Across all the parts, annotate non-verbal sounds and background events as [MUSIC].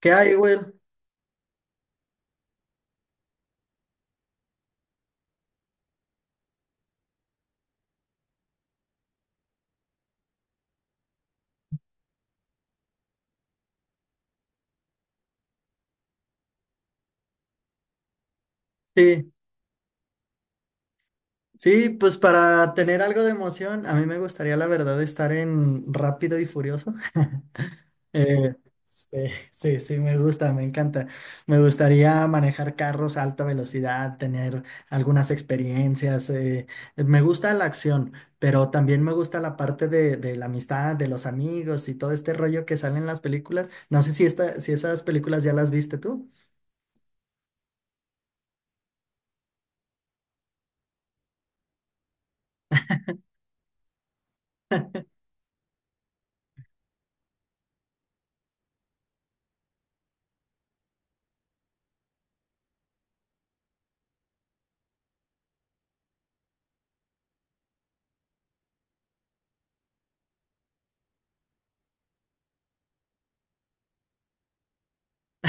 ¿Qué hay, Will? Sí, sí, pues para tener algo de emoción, a mí me gustaría, la verdad, estar en Rápido y Furioso. [LAUGHS] Eh, sí, sí, me gusta, me encanta. Me gustaría manejar carros a alta velocidad, tener algunas experiencias. Me gusta la acción, pero también me gusta la parte de la amistad, de los amigos y todo este rollo que sale en las películas. No sé si, esta, si esas películas ya las viste tú.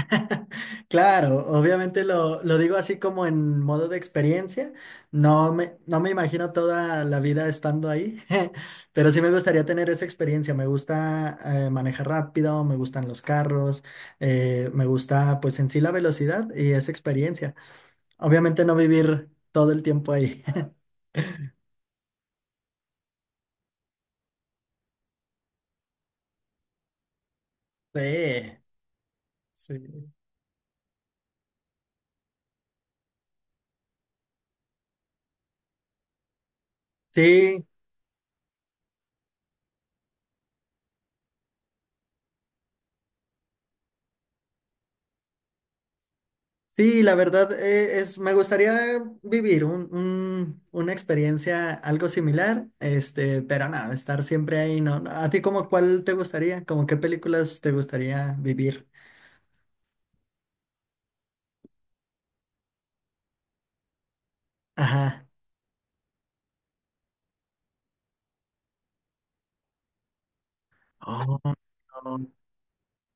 [LAUGHS] Claro, obviamente lo digo así como en modo de experiencia. No me imagino toda la vida estando ahí, [LAUGHS] pero sí me gustaría tener esa experiencia. Me gusta manejar rápido, me gustan los carros, me gusta pues en sí la velocidad y esa experiencia. Obviamente no vivir todo el tiempo ahí. [LAUGHS] Sí, sí. Sí, sí, la verdad es, me gustaría vivir una experiencia algo similar, este, pero nada, estar siempre ahí, ¿no? ¿A ti como cuál te gustaría? ¿Como qué películas te gustaría vivir? Ajá. Oh, no,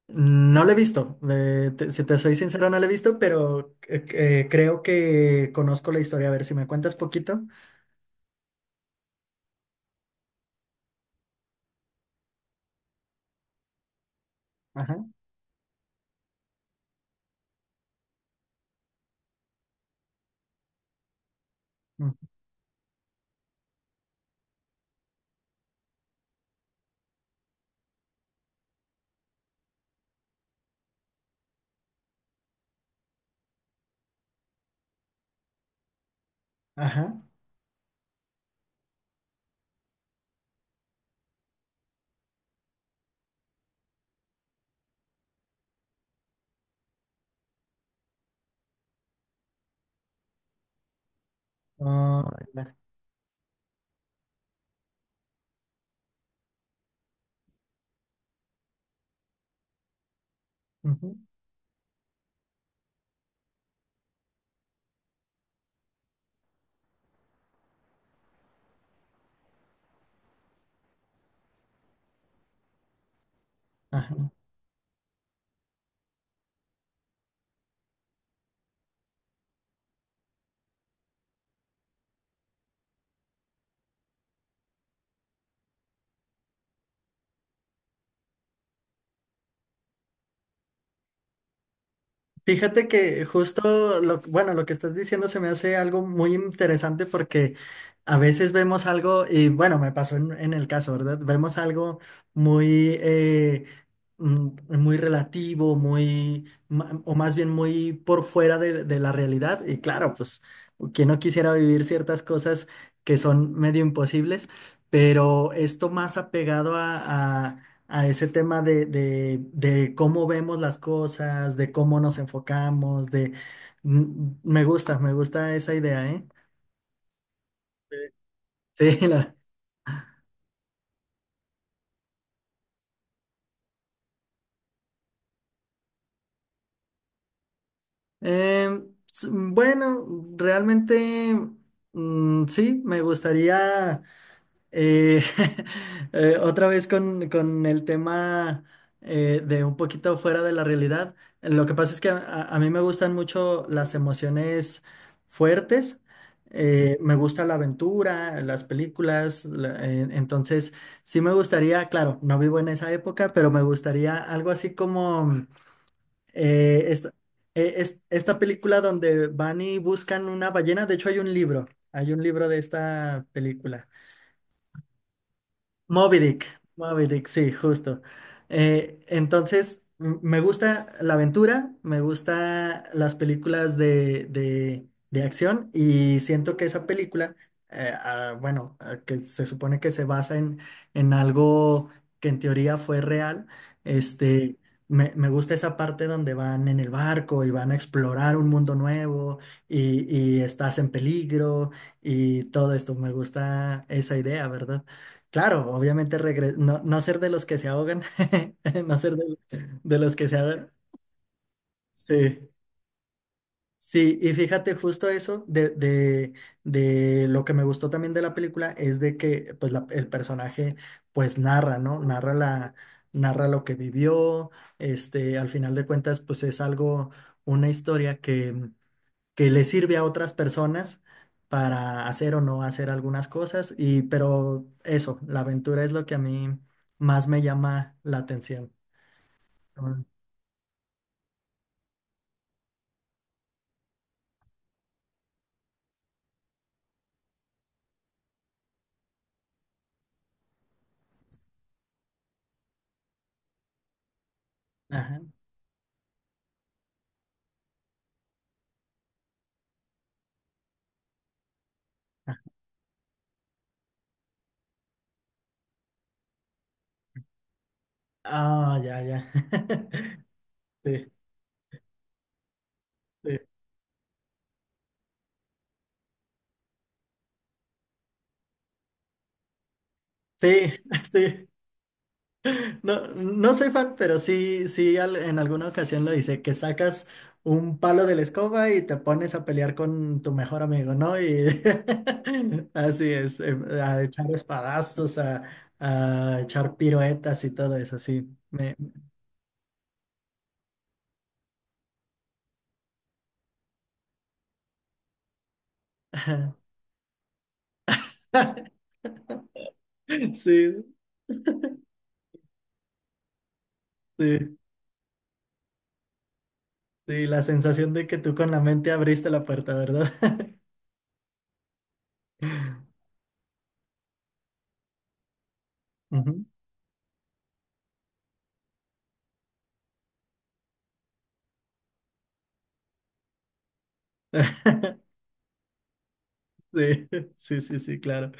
no lo he visto, si te soy sincero, no lo he visto, pero creo que conozco la historia. A ver, si me cuentas poquito. Ajá, ujú, ajá, oh, ya, ujú, ajá. Fíjate que justo lo, bueno, lo que estás diciendo se me hace algo muy interesante porque a veces vemos algo, y bueno, me pasó en el caso, ¿verdad? Vemos algo muy, mm, muy relativo, o más bien muy por fuera de la realidad. Y claro, pues, quien no quisiera vivir ciertas cosas que son medio imposibles, pero esto más apegado a a ese tema de cómo vemos las cosas, de cómo nos enfocamos, de... Mm, me gusta esa idea, ¿eh? Sí, [LAUGHS] bueno, realmente, mm, sí, me gustaría. Eh, [LAUGHS] otra vez con el tema de un poquito fuera de la realidad. Lo que pasa es que a mí me gustan mucho las emociones fuertes. Me gusta la aventura, las películas. La- entonces, sí me gustaría, claro, no vivo en esa época, pero me gustaría algo así como eh, esta, esta película donde van y buscan una ballena. De hecho, hay un libro de esta película. Moby Dick, Moby Dick, sí, justo. Entonces, me gusta la aventura, me gusta las películas de acción y siento que esa película, bueno, que se supone que se basa en algo que en teoría fue real, este, me gusta esa parte donde van en el barco y van a explorar un mundo nuevo y estás en peligro y todo esto, me gusta esa idea, ¿verdad? Claro, obviamente no, no ser de los que se ahogan, [LAUGHS] no ser de los que se ahogan. Sí, sí, y fíjate justo eso de lo que me gustó también de la película es de que pues el personaje pues narra, ¿no? Narra la, narra lo que vivió, este, al final de cuentas pues es algo, una historia que le sirve a otras personas para hacer o no hacer algunas cosas. Y, pero eso, la aventura es lo que a mí más me llama la atención. Ajá. Ah, ya, ya. [LAUGHS] Sí, sí, sí, [LAUGHS] sí. No, no soy fan, pero sí, sí, en alguna ocasión lo hice, que sacas un palo de la escoba y te pones a pelear con tu mejor amigo, ¿no? Y [LAUGHS] así es, em, a echar espadazos, a echar piruetas y todo eso, sí. Me... [LAUGHS] Sí, sí, sí, la sensación de que tú con la mente abriste la puerta, ¿verdad? [LAUGHS] Ujú. [LAUGHS] Sí, [LAUGHS] sí, sí, sí, claro.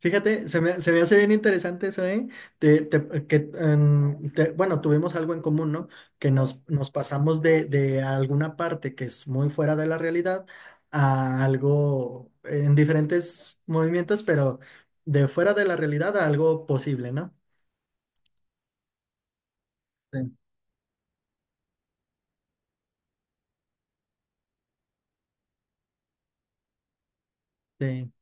Fíjate, se me hace bien interesante eso, ¿eh? Que, bueno, tuvimos algo en común, ¿no? Que nos, nos pasamos de alguna parte que es muy fuera de la realidad a algo en diferentes movimientos, pero de fuera de la realidad a algo posible, ¿no? Sí.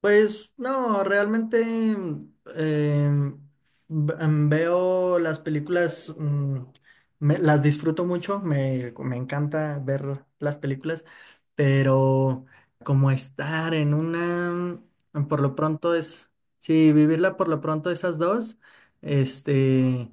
Pues no, realmente mm, veo las películas, mm, las disfruto mucho, me encanta ver las películas, pero como estar en una, mm, por lo pronto es, sí, vivirla por lo pronto esas dos, este...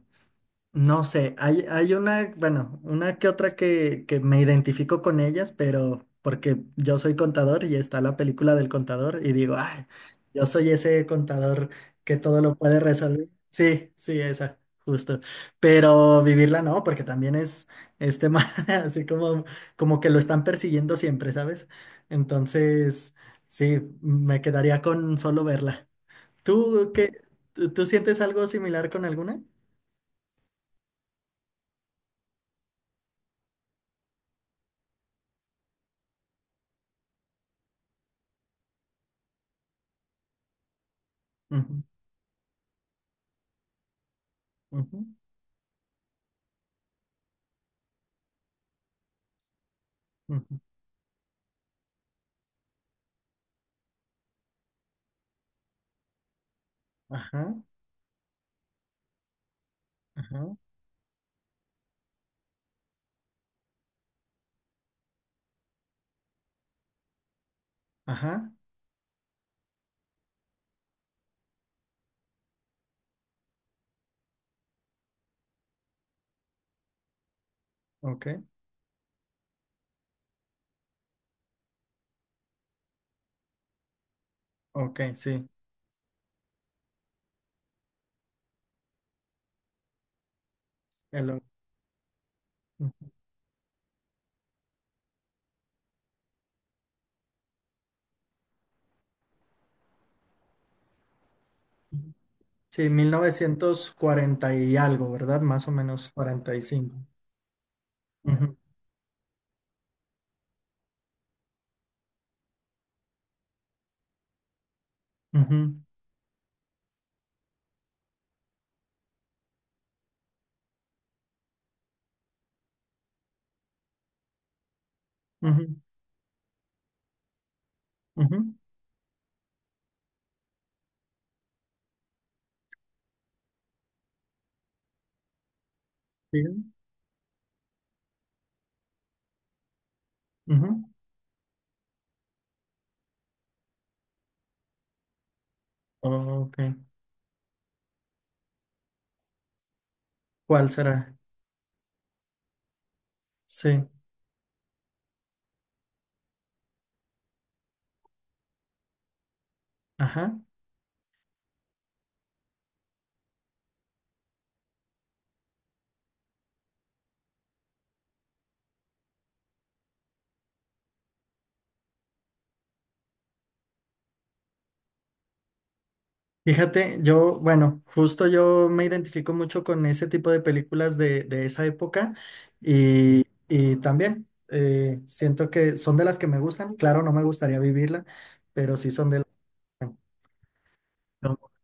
No sé, hay una, bueno, una que otra que me identifico con ellas, pero porque yo soy contador y está la película del contador y digo, ay, yo soy ese contador que todo lo puede resolver. Sí, sí, esa, justo. Pero vivirla no, porque también es, este tema [LAUGHS] así como, como que lo están persiguiendo siempre, ¿sabes? Entonces, sí, me quedaría con solo verla. ¿Tú qué? ¿Tú, tú sientes algo similar con alguna? Ujú, ujú. Ujú. Ajá, ajá, ajá, ok, ok, sí. El ujú. Sí, 1940 y algo, ¿verdad? Más o menos 45. Ujú, ujú, ujú, ujú, sí, ujú. Ok, ¿cuál será? Sí, ajá. Fíjate, yo, bueno, justo yo me identifico mucho con ese tipo de películas de esa época y también siento que son de las que me gustan. Claro, no me gustaría vivirla, pero sí son de las que me gustan.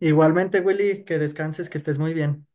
Igualmente, Willy, que descanses, que estés muy bien.